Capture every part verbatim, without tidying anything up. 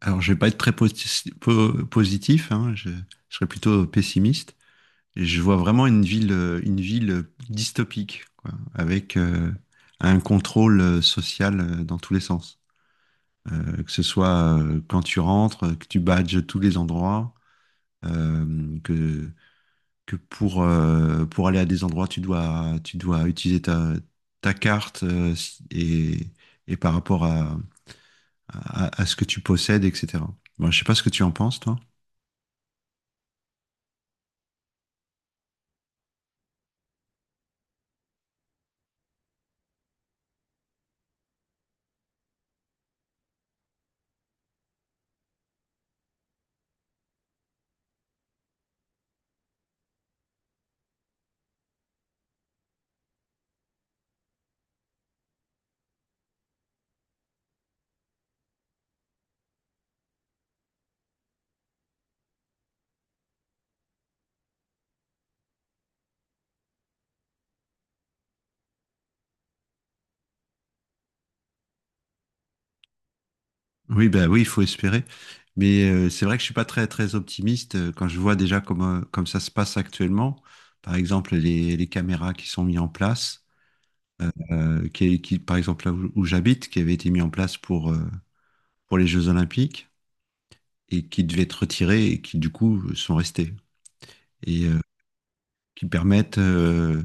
Alors, je vais pas être très posi- po- positif, hein, je, je serais plutôt pessimiste. Et je vois vraiment une ville, euh, une ville dystopique, quoi, avec euh, un contrôle euh, social euh, dans tous les sens. Euh, que ce soit euh, Quand tu rentres, euh, que tu badges tous les endroits, euh, que, que pour, euh, pour aller à des endroits, tu dois, tu dois utiliser ta, ta carte euh, si- et, et par rapport à, à, à ce que tu possèdes, et cétéra. Bon, je sais pas ce que tu en penses, toi. Oui, ben oui, il faut espérer. Mais euh, c'est vrai que je suis pas très très optimiste euh, quand je vois déjà comment comme ça se passe actuellement. Par exemple, les, les caméras qui sont mises en place, euh, qui, qui, par exemple là où, où j'habite, qui avaient été mises en place pour euh, pour les Jeux Olympiques et qui devaient être retirées et qui du coup sont restées et euh, qui permettent euh,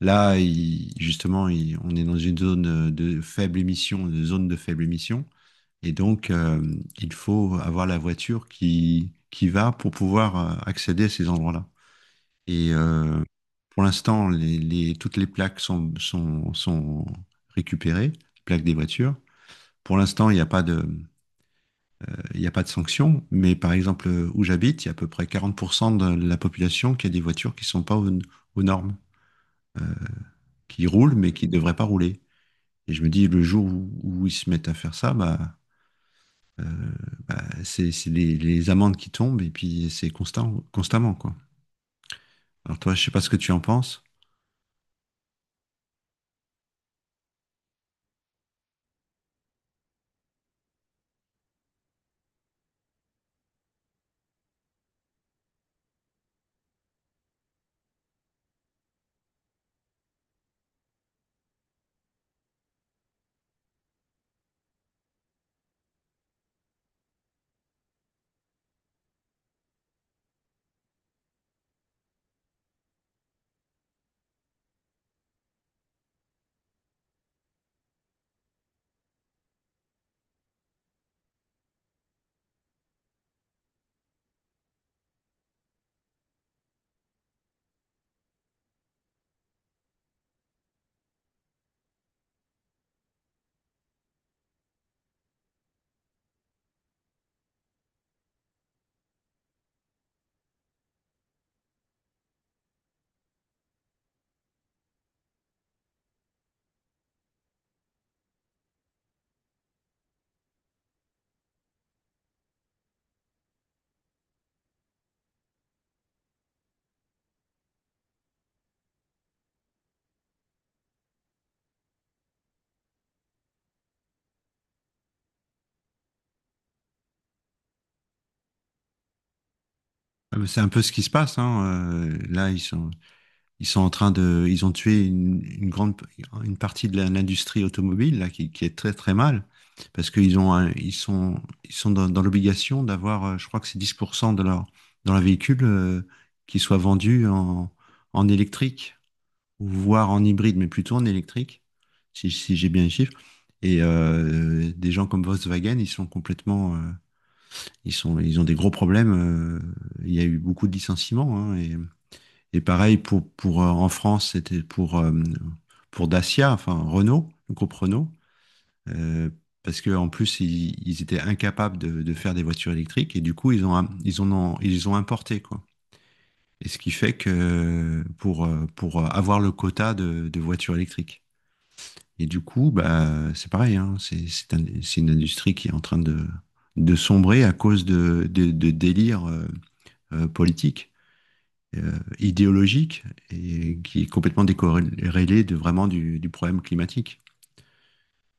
là il- justement il- on est dans une zone euh, de faible émission, une zone de faible émission. Et donc, euh, il faut avoir la voiture qui, qui va pour pouvoir euh, accéder à ces endroits-là. Et euh, pour l'instant, les, les- toutes les plaques sont, sont, sont récupérées, les plaques des voitures. Pour l'instant, il n'y a pas de, euh, il n'y a pas de sanction, mais par exemple, euh, où j'habite, il y a à peu près quarante pour cent de la population qui a des voitures qui ne sont pas aux, aux normes, qui roulent, mais qui ne devraient pas rouler. Et je me dis, le jour où, où ils se mettent à faire ça, bah, euh, c'est c'est les, les amendes qui tombent et puis c'est constant, constamment, quoi. Alors toi, je sais pas ce que tu en penses. Ah, mais c'est un peu ce qui se passe, hein. euh, là, ils sont, Ils sont en train de, ils ont tué une, une grande, une partie de la- l'industrie automobile là, qui, qui est très très mal parce qu'ils ont, un- ils sont, ils sont dans, dans l'obligation d'avoir, euh, je crois que c'est dix pour cent de leur, dans leur véhicule euh, qui soit vendu en, en électrique ou voire en hybride, mais plutôt en électrique, si, si j'ai bien les chiffres. Et euh, des gens comme Volkswagen, ils sont complètement, euh, ils sont, ils ont des gros problèmes. Euh, il y a eu beaucoup de licenciements, hein, et et pareil pour, pour euh, en France, c'était pour, euh, pour Dacia, enfin Renault, le groupe Renault, euh, parce que en plus ils, ils étaient incapables de, de faire des voitures électriques et du coup ils ont im- ils en ont ils ont importé, quoi. Et ce qui fait que pour euh, pour avoir le quota de, de voitures électriques. Et du coup, bah, c'est pareil, hein, c'est c'est un- c'est une industrie qui est en train de de sombrer à cause de de, de délires euh, euh, politiques, euh, idéologique et qui est complètement décorrélé de vraiment du, du problème climatique.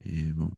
Et bon.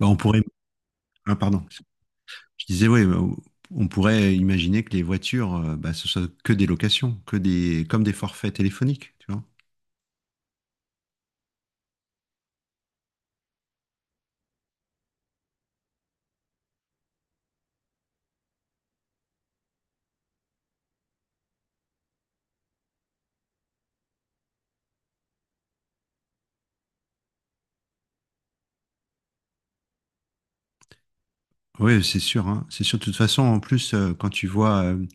Bah, on pourrait, ah, pardon, je disais oui, bah, on pourrait imaginer que les voitures, euh, bah, ce soit que des locations, que des, comme des forfaits téléphoniques, tu vois. Oui, c'est sûr, hein. C'est sûr. De toute façon, en plus, euh, quand tu vois euh,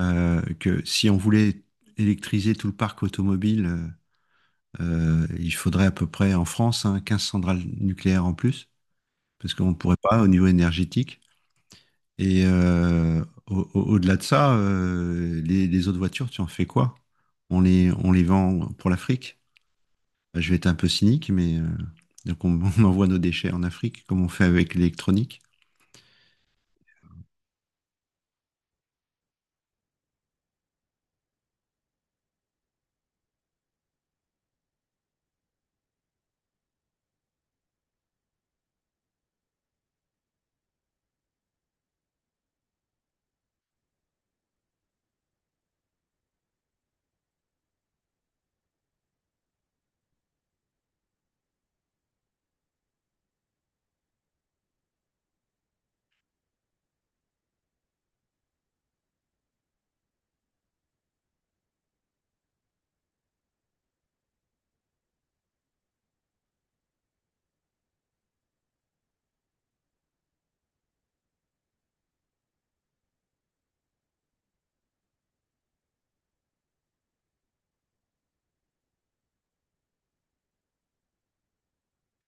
euh, que si on voulait électriser tout le parc automobile, euh, euh, il faudrait à peu près en France, hein, quinze centrales nucléaires en plus, parce qu'on ne pourrait pas au niveau énergétique. Et euh, au, au- delà de ça, euh, les, les autres voitures, tu en fais quoi? On les, on les vend pour l'Afrique? Bah, je vais être un peu cynique, mais euh, donc on, on envoie nos déchets en Afrique, comme on fait avec l'électronique.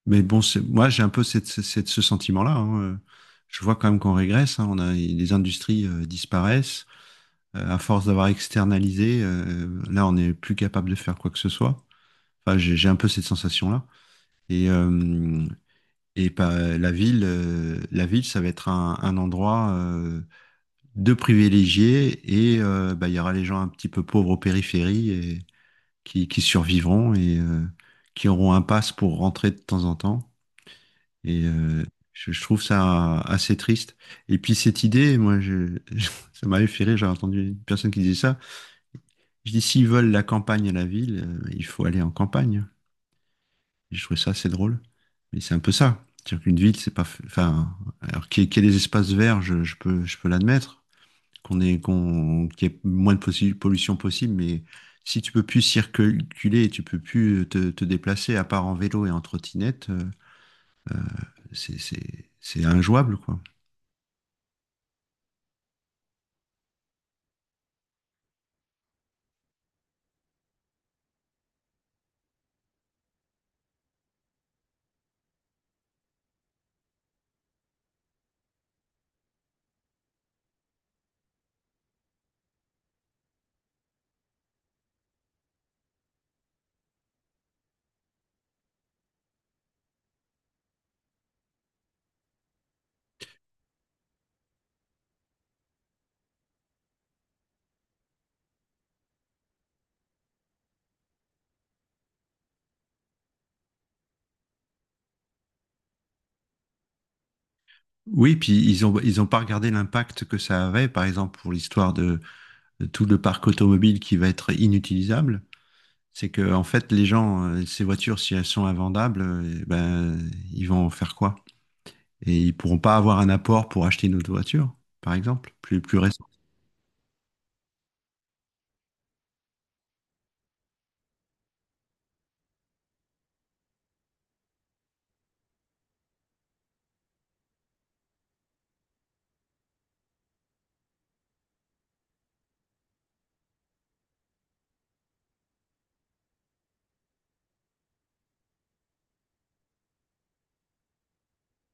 Mais bon, c'est- moi j'ai un peu cette, cette- ce sentiment-là, hein. euh. Je vois quand même qu'on régresse, hein. On a, les industries euh, disparaissent. Euh, à force d'avoir externalisé, euh, là on n'est plus capable de faire quoi que ce soit. Enfin, j'ai j'ai un peu cette sensation-là. Et, euh, Et pas euh, la ville, euh, la ville, ça va être un, un endroit euh, de privilégié et euh, bah, il y aura les gens un petit peu pauvres aux périphéries et qui, qui survivront et euh, qui auront un pass pour rentrer de temps en temps. Et euh, je, je trouve ça assez triste. Et puis cette idée, moi, je, ça m'avait fait rire, j'ai entendu une personne qui disait ça. Je dis, s'ils veulent la campagne à la ville, euh, il faut aller en campagne. J'ai trouvé ça assez drôle. Mais c'est un peu ça. C'est-à-dire qu'une ville, c'est pas. F- enfin, alors qu'il y, ait qu'il y ait des espaces verts, je, je peux, je peux l'admettre. Qu'on ait, qu'on, qu'il y ait moins de possi- pollution possible, mais si tu peux plus circuler et tu peux plus te, te déplacer, à part en vélo et en trottinette, euh, c'est, c'est, c'est injouable, quoi. Oui, puis ils ont, ils ont pas regardé l'impact que ça avait, par exemple, pour l'histoire de, de tout le parc automobile qui va être inutilisable. C'est que, en fait, les gens, euh, ces voitures, si elles sont invendables, euh, ben, ils vont en faire quoi? Et ils pourront pas avoir un apport pour acheter une autre voiture, par exemple, plus, plus récent.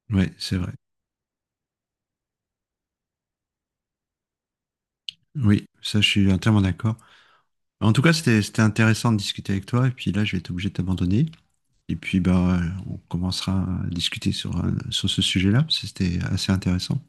Oui, c'est vrai. Oui, ça, je suis entièrement d'accord. En tout cas, c'était, c'était intéressant de discuter avec toi. Et puis là, je vais être obligé de t'abandonner. Et puis, ben, euh, on commencera à discuter sur, un- sur ce sujet-là. C'était assez intéressant.